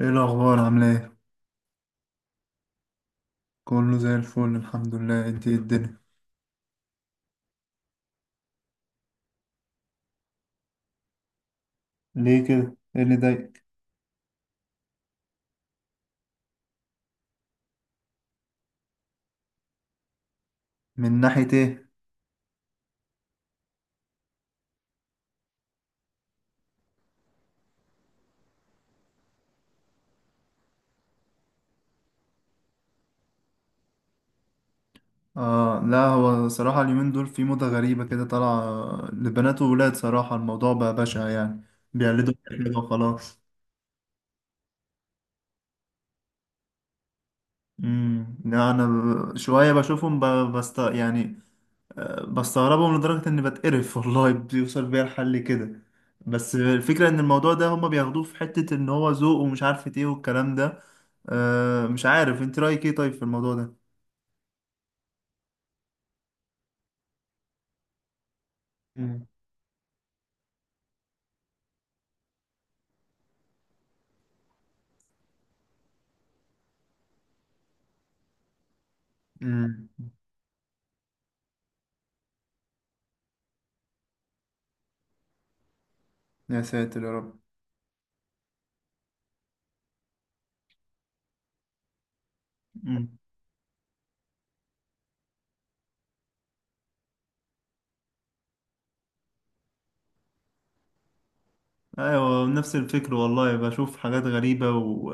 ايه الاخبار؟ عامله ايه؟ كله زي الفل الحمد لله. انت إيه الدنيا؟ ليه كده؟ ايه اللي ضايقك؟ من ناحيه ايه؟ اه لا، هو صراحه اليومين دول في موضه غريبه كده طالعه لبنات وولاد. صراحه الموضوع بقى بشع يعني، بيقلدوا كده وخلاص. لا انا شويه بشوفهم بست يعني، بستغربهم لدرجة إني بتقرف والله بيوصل بيا الحل كده. بس الفكرة إن الموضوع ده هما بياخدوه في حتة إن هو ذوق ومش عارف إيه والكلام ده. مش عارف أنت رأيك إيه طيب في الموضوع ده؟ مم. مم. يا ساتر يا رب. ايوه نفس الفكر والله، بشوف حاجات غريبة، و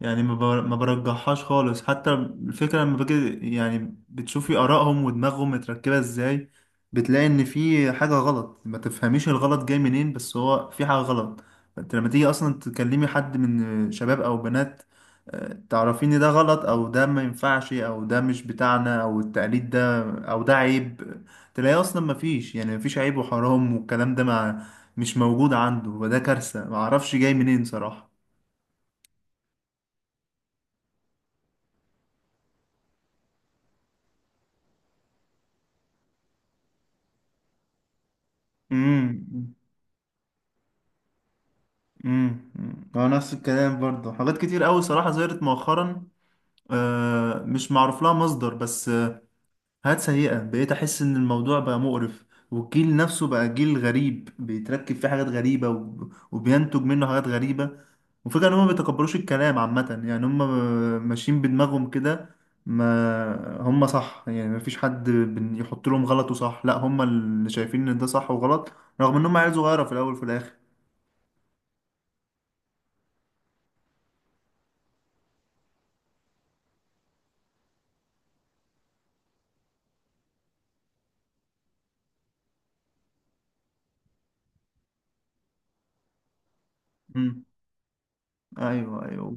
يعني ما برجحهاش خالص. حتى الفكرة لما باجي يعني بتشوفي آرائهم ودماغهم متركبة ازاي، بتلاقي ان في حاجة غلط. ما تفهميش الغلط جاي منين، بس هو في حاجة غلط. فانت لما تيجي اصلا تكلمي حد من شباب او بنات، تعرفين ان ده غلط او ده ما ينفعش او ده مش بتاعنا او التقليد ده او ده عيب، تلاقي اصلا ما فيش يعني ما فيش عيب وحرام والكلام ده، مش موجود عنده. وده كارثة، معرفش جاي منين صراحة. امم امم، هو نفس الكلام برضه. حاجات كتير قوي صراحة ظهرت مؤخرا، مش معروف لها مصدر. بس حاجات سيئة، بقيت أحس إن الموضوع بقى مقرف، والجيل نفسه بقى جيل غريب بيتركب فيه حاجات غريبة وبينتج منه حاجات غريبة. وفكرة إن هما ما بيتقبلوش الكلام عامة، يعني هما ماشيين بدماغهم كده. ما هما صح يعني، ما فيش حد يحط لهم غلط وصح، لا، هما اللي شايفين إن ده صح وغلط، رغم إن هما عيال صغيرة في الأول وفي الآخر. مم. أيوه أيوه.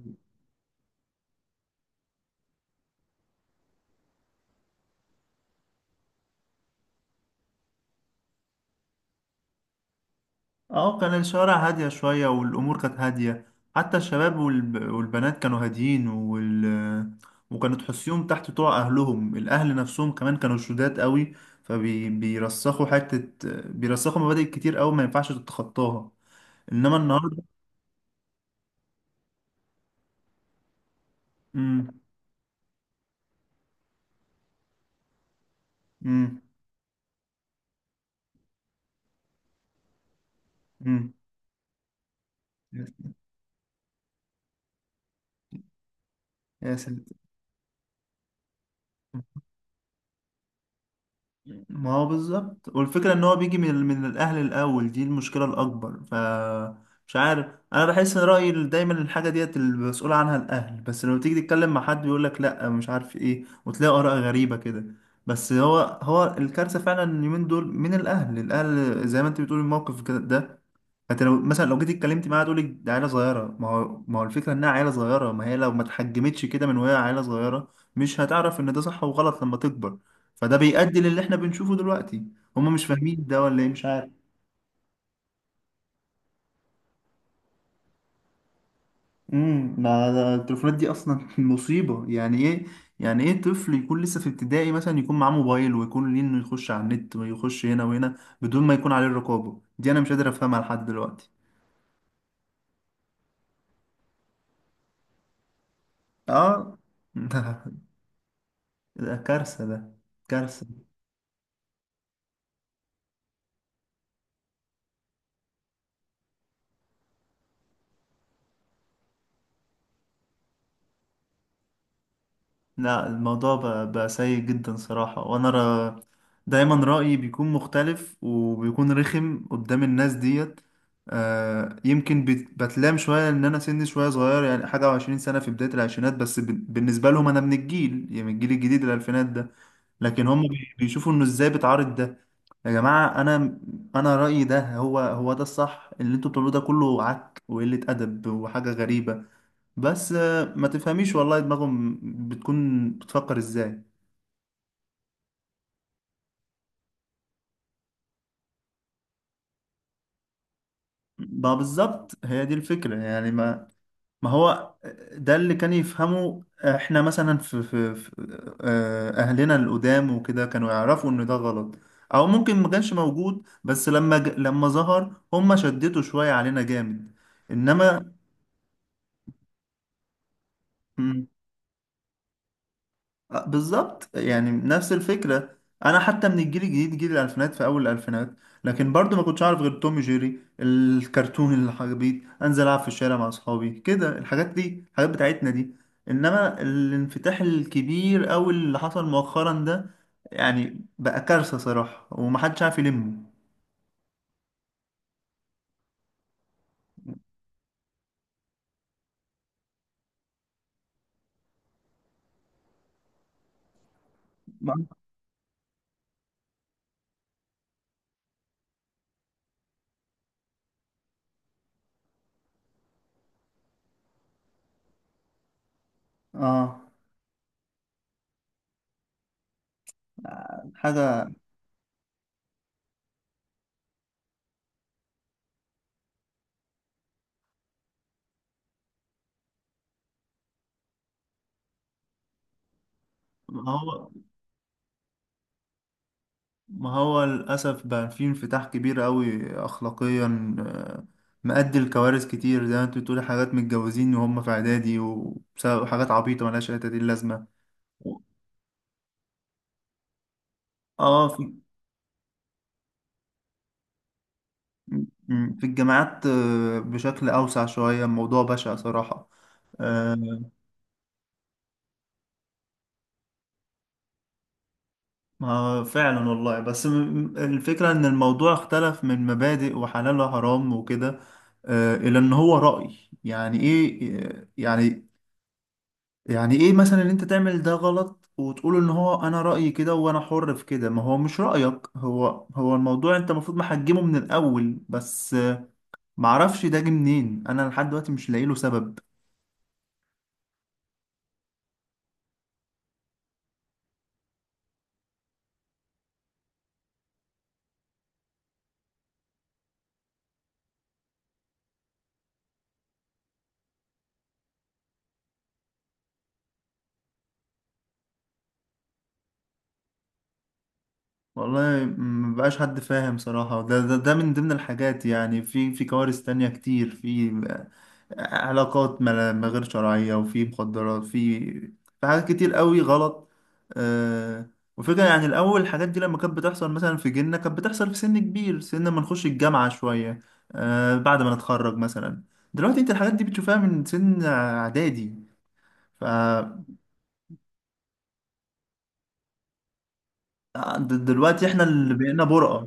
اه كان الشوارع هادية شوية والأمور كانت هادية، حتى الشباب والب... والبنات كانوا هاديين وال... وكانوا تحسيهم تحت طوع أهلهم. الأهل نفسهم كمان كانوا شداد قوي، فبيرسخوا حتة، بيرسخوا مبادئ كتير قوي ما ينفعش تتخطاها. إنما النهاردة. مم. مم. مم. يا ساتر. ما هو بالظبط، والفكرة ان هو بيجي من من الاهل الاول، دي المشكلة الاكبر. ف مش عارف، انا بحس ان رأيي دايما الحاجة ديت المسؤول عنها الاهل، بس لما تيجي تتكلم مع حد يقول لك لا مش عارف ايه، وتلاقي اراء غريبة كده. بس هو هو الكارثة فعلا اليومين دول من الاهل. الاهل زي ما انت بتقول الموقف ده. انت لو مثلا لو جيت اتكلمت معاها تقول لك ده عيله صغيره. ما هو الفكره انها عيله صغيره، ما هي لو ما اتحجمتش كده من وهي عيله صغيره مش هتعرف ان ده صح وغلط لما تكبر، فده بيؤدي للي احنا بنشوفه دلوقتي. هما مش فاهمين ده ولا ايه، مش عارف. امم، ما ده التليفونات دي اصلا مصيبه. يعني ايه يعني ايه طفل يكون لسه في ابتدائي مثلا يكون معاه موبايل ويكون ليه انه يخش على النت ويخش هنا وهنا بدون ما يكون عليه الرقابه دي؟ انا مش قادر افهمها لحد دلوقتي. اه ده ده كارثه، ده كارثه. لا الموضوع بقى، بقى سيء جدا صراحة. وانا را دايما رأيي بيكون مختلف وبيكون رخم قدام الناس ديت. آه، يمكن بتلام شوية ان انا سني شوية صغير يعني، حاجة وعشرين سنة في بداية العشرينات، بس بالنسبة لهم انا من الجيل يعني من الجيل الجديد الالفينات ده. لكن هم بيشوفوا انه ازاي بتعارض ده. يا جماعة انا، انا رأيي ده هو هو ده الصح، اللي انتوا بتعملوه ده كله عك وقلة ادب وحاجة غريبة. بس ما تفهميش والله دماغهم بتكون بتفكر ازاي. ما بالظبط هي دي الفكرة يعني. ما ما هو، ده اللي كان يفهمه. احنا مثلا في، في، في اهلنا القدام وكده كانوا يعرفوا ان ده غلط، او ممكن ما كانش موجود، بس لما ج... لما ظهر هم شدتوا شوية علينا جامد. انما، بالظبط يعني نفس الفكرة. أنا حتى من الجيل الجديد، جيل الألفينات، في أول الألفينات، لكن برضو ما كنتش أعرف غير توم جيري الكرتون. اللي حبيت أنزل ألعب في الشارع مع أصحابي كده، الحاجات دي، الحاجات بتاعتنا دي. إنما الانفتاح الكبير أوي اللي حصل مؤخرا ده يعني بقى كارثة صراحة، ومحدش عارف يلمه. ما- آه حاجة. هو ما هو للأسف بقى في انفتاح كبير قوي أخلاقيا، مؤدي لكوارث كتير، زي ما انت بتقولي حاجات متجوزين وهم في إعدادي، وبسبب حاجات عبيطة ملهاش أي تدين لازمة. و- اه في، في الجامعات، بشكل أوسع شوية، الموضوع بشع صراحة. آه. ما فعلا والله، بس الفكرة إن الموضوع اختلف من مبادئ وحلال وحرام وكده إلى إن هو رأي، يعني إيه يعني؟ يعني ايه مثلا ان انت تعمل ده غلط وتقول ان هو انا رأيي كده وانا حر في كده؟ ما هو مش رأيك، هو هو الموضوع انت المفروض محجمه من الاول، بس معرفش ده جه منين. انا لحد دلوقتي مش لاقي له سبب. والله مبقاش حد فاهم صراحة. ده، ده ده من ضمن الحاجات. يعني في في كوارث تانية كتير، في علاقات ما غير شرعية، وفي مخدرات، في في حاجات كتير قوي غلط. آه. وفكرة يعني الأول الحاجات دي لما كانت بتحصل مثلا في جيلنا كانت بتحصل في سن كبير، سن ما نخش الجامعة شوية، آه بعد ما نتخرج مثلا. دلوقتي انت الحاجات دي بتشوفها من سن إعدادي. ف دلوقتي احنا اللي بقينا برقة.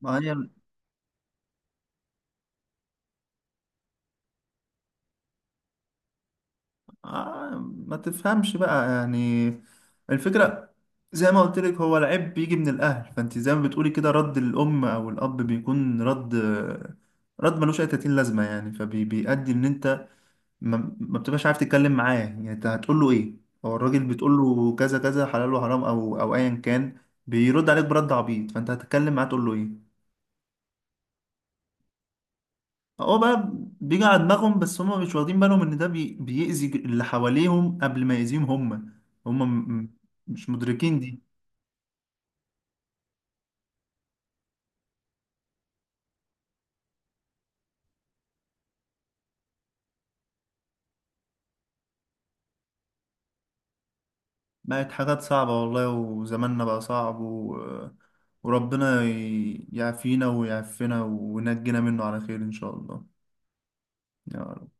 ما هي آه، ما تفهمش بقى يعني. الفكرة زي ما قلت لك، هو العيب بيجي من الأهل. فأنت زي ما بتقولي كده، رد الأم أو الأب بيكون رد، رد ملوش أي تأتين لازمة يعني، فبيؤدي إن أنت ما بتبقاش عارف تتكلم معاه. يعني أنت هتقول له إيه؟ هو الراجل بتقول له كذا كذا حلال وحرام أو أو أيا كان، بيرد عليك برد عبيط، فأنت هتتكلم معاه تقول له إيه؟ هو بقى بيجي على دماغهم، بس هم مش واخدين بالهم ان ده بي... بيأذي اللي حواليهم قبل ما يأذيهم هم. هم مش مدركين دي. بقت حاجات صعبة والله، وزماننا بقى صعب و... وربنا يعافينا ويعفنا وينجينا منه على خير إن شاء الله. يا رب.